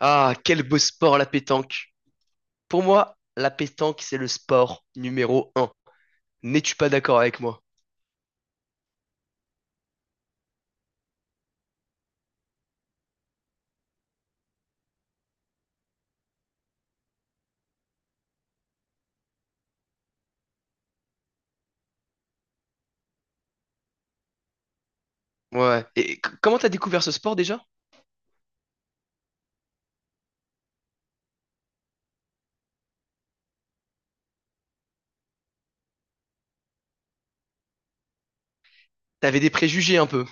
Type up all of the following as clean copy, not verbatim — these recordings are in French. Ah, quel beau sport la pétanque. Pour moi, la pétanque, c'est le sport n°1. N'es-tu pas d'accord avec moi? Ouais. Comment t'as découvert ce sport déjà? T'avais des préjugés un peu.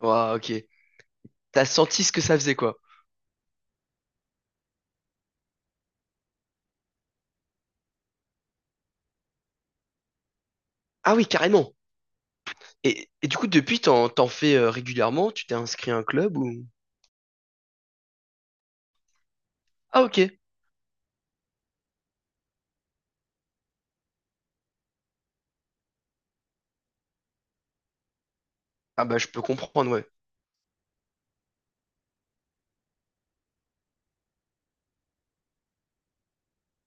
Ouais, ok. T'as senti ce que ça faisait, quoi. Ah oui, carrément. Et du coup, depuis, t'en fais régulièrement? Tu t'es inscrit à un club ou... Ah ok. Ah bah, je peux comprendre, ouais.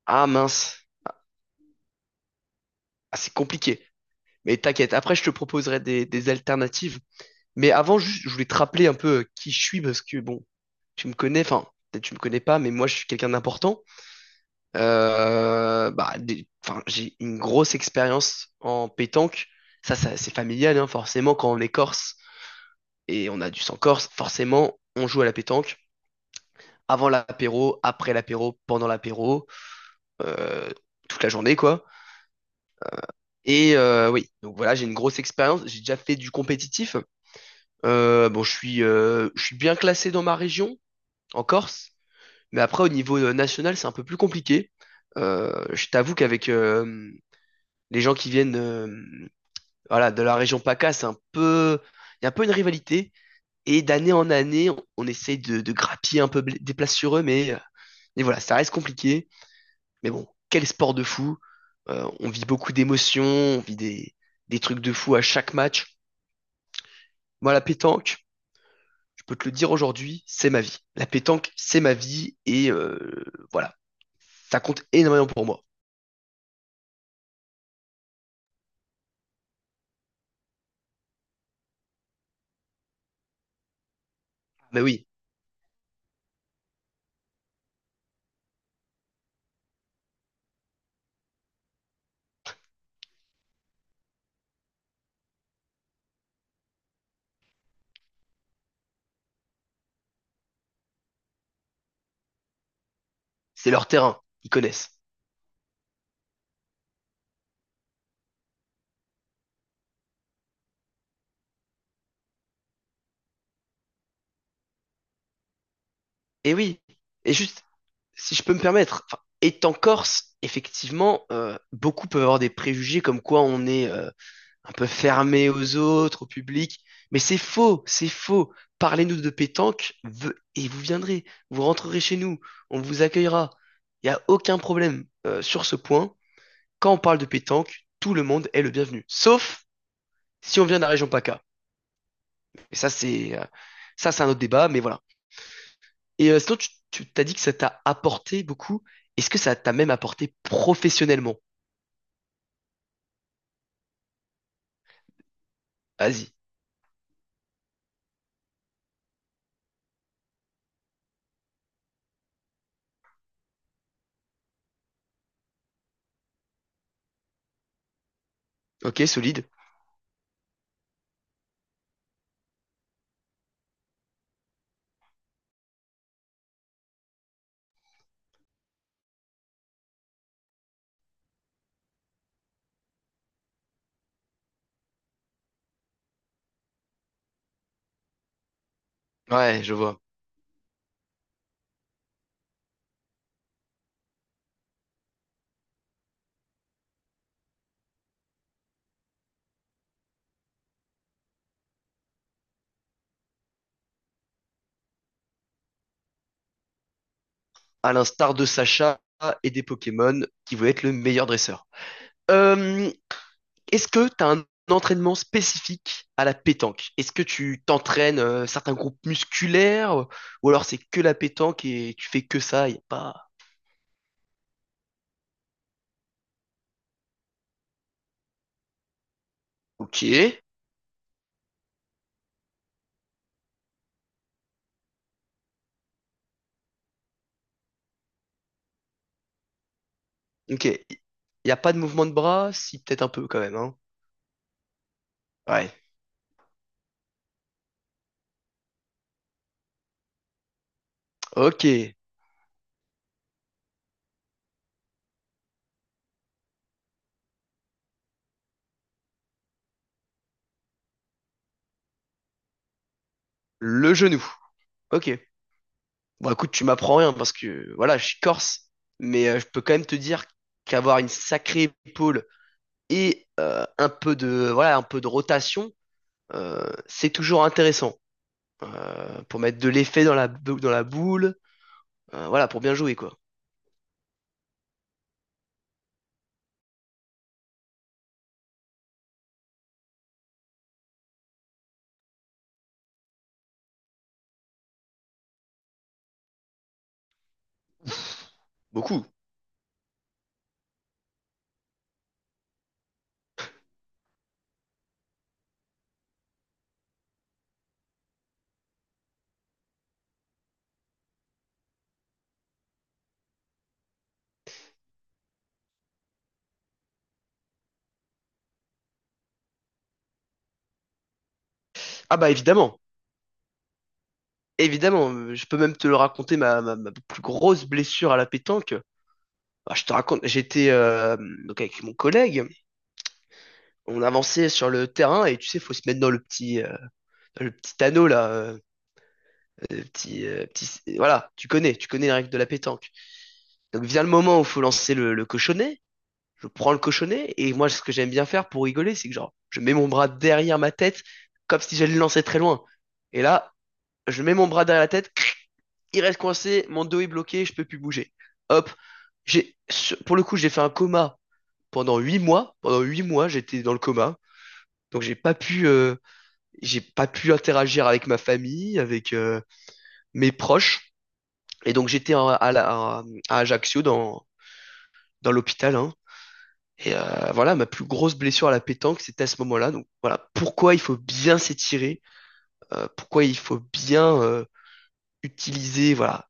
Ah mince. Ah, c'est compliqué. Mais t'inquiète, après, je te proposerai des alternatives. Mais avant, juste, je voulais te rappeler un peu qui je suis parce que bon, tu me connais, enfin, peut-être tu me connais pas, mais moi je suis quelqu'un d'important. Bah, enfin, j'ai une grosse expérience en pétanque. Ça c'est familial, hein, forcément, quand on est corse et on a du sang corse, forcément, on joue à la pétanque. Avant l'apéro, après l'apéro, pendant l'apéro, euh, toute la journée, quoi. Et oui, donc voilà, j'ai une grosse expérience. J'ai déjà fait du compétitif. Bon, je suis bien classé dans ma région, en Corse. Mais après, au niveau national, c'est un peu plus compliqué. Je t'avoue qu'avec les gens qui viennent voilà, de la région PACA, c'est un peu, il y a un peu une rivalité. Et d'année en année, on essaye de grappiller un peu des places sur eux, mais voilà, ça reste compliqué. Mais bon, quel sport de fou. On vit beaucoup d'émotions, on vit des trucs de fou à chaque match. Moi, la pétanque, je peux te le dire aujourd'hui, c'est ma vie. La pétanque, c'est ma vie et voilà, ça compte énormément pour moi. Ah bah oui, c'est leur terrain, ils connaissent. Et oui, et juste, si je peux me permettre, enfin, étant Corse, effectivement, beaucoup peuvent avoir des préjugés comme quoi on est un peu fermé aux autres, au public, mais c'est faux, c'est faux. Parlez-nous de pétanque et vous viendrez, vous rentrerez chez nous, on vous accueillera. Il n'y a aucun problème sur ce point. Quand on parle de pétanque, tout le monde est le bienvenu, sauf si on vient de la région PACA. Et ça, c'est un autre débat, mais voilà. Et sinon, tu t'as dit que ça t'a apporté beaucoup. Est-ce que ça t'a même apporté professionnellement? Vas-y. Ok, solide. Ouais, je vois. À l'instar de Sacha et des Pokémon qui veulent être le meilleur dresseur. Euh, Est-ce que t'as un entraînement spécifique à la pétanque? Est-ce que tu t'entraînes certains groupes musculaires ou alors c'est que la pétanque et tu fais que ça? Y a pas. Ok. Ok. Y a pas de mouvement de bras? Si, peut-être un peu quand même, hein. Ouais. Ok. Le genou. Ok. Bon, écoute, tu m'apprends rien parce que voilà, je suis corse, mais je peux quand même te dire qu'avoir une sacrée épaule et un peu de voilà, un peu de rotation, c'est toujours intéressant pour mettre de l'effet dans dans la boule, voilà, pour bien jouer quoi. Beaucoup. Ah bah évidemment. Évidemment, je peux même te le raconter ma plus grosse blessure à la pétanque. Bah, je te raconte, j'étais donc avec mon collègue, on avançait sur le terrain et tu sais, faut se mettre dans le petit anneau là, le petit voilà, tu connais les règles de la pétanque. Donc vient le moment où faut lancer le cochonnet. Je prends le cochonnet et moi ce que j'aime bien faire pour rigoler, c'est que genre je mets mon bras derrière ma tête comme si j'allais le lancer très loin. Et là, je mets mon bras derrière la tête il reste coincé, mon dos est bloqué, je peux plus bouger. Hop, j'ai, pour le coup, j'ai fait un coma pendant 8 mois. Pendant huit mois, j'étais dans le coma. Donc j'ai pas pu interagir avec ma famille, avec mes proches. Et donc j'étais à Ajaccio dans l'hôpital, hein. Et voilà, ma plus grosse blessure à la pétanque, c'était à ce moment-là. Donc voilà, pourquoi il faut bien s'étirer, pourquoi il faut bien utiliser, voilà,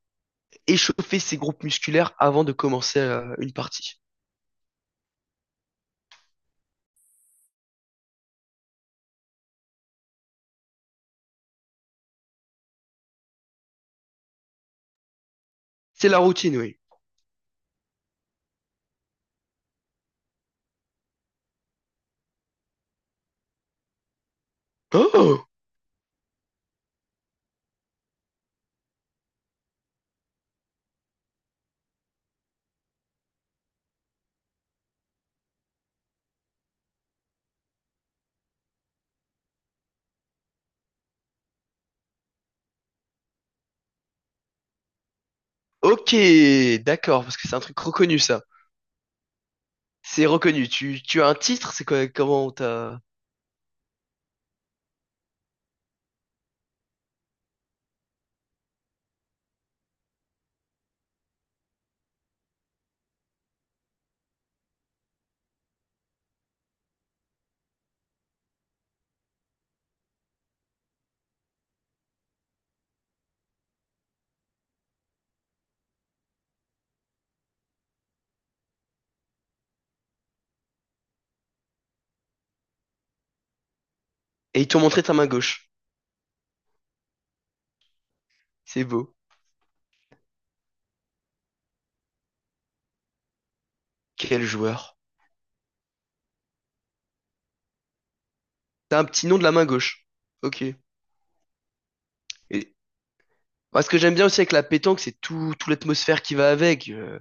échauffer ses groupes musculaires avant de commencer une partie. C'est la routine, oui. Oh! Ok, d'accord, parce que c'est un truc reconnu, ça. C'est reconnu. Tu as un titre, c'est quoi, comment t'as... Et ils t'ont montré ta main gauche. C'est beau. Quel joueur. T'as un petit nom de la main gauche. Ok. Et, moi, ce que j'aime bien aussi avec la pétanque, c'est tout l'atmosphère qui va avec.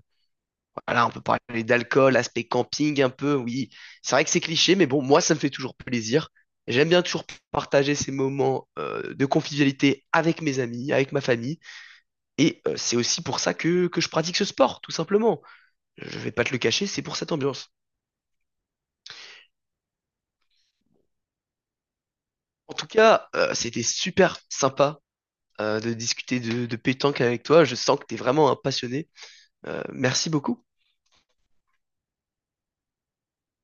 Voilà, on peut parler d'alcool, aspect camping un peu, oui. C'est vrai que c'est cliché, mais bon, moi, ça me fait toujours plaisir. J'aime bien toujours partager ces moments de convivialité avec mes amis, avec ma famille. Et c'est aussi pour ça que je pratique ce sport, tout simplement. Je vais pas te le cacher, c'est pour cette ambiance. En tout cas, c'était super sympa de discuter de pétanque avec toi. Je sens que tu es vraiment un passionné. Merci beaucoup.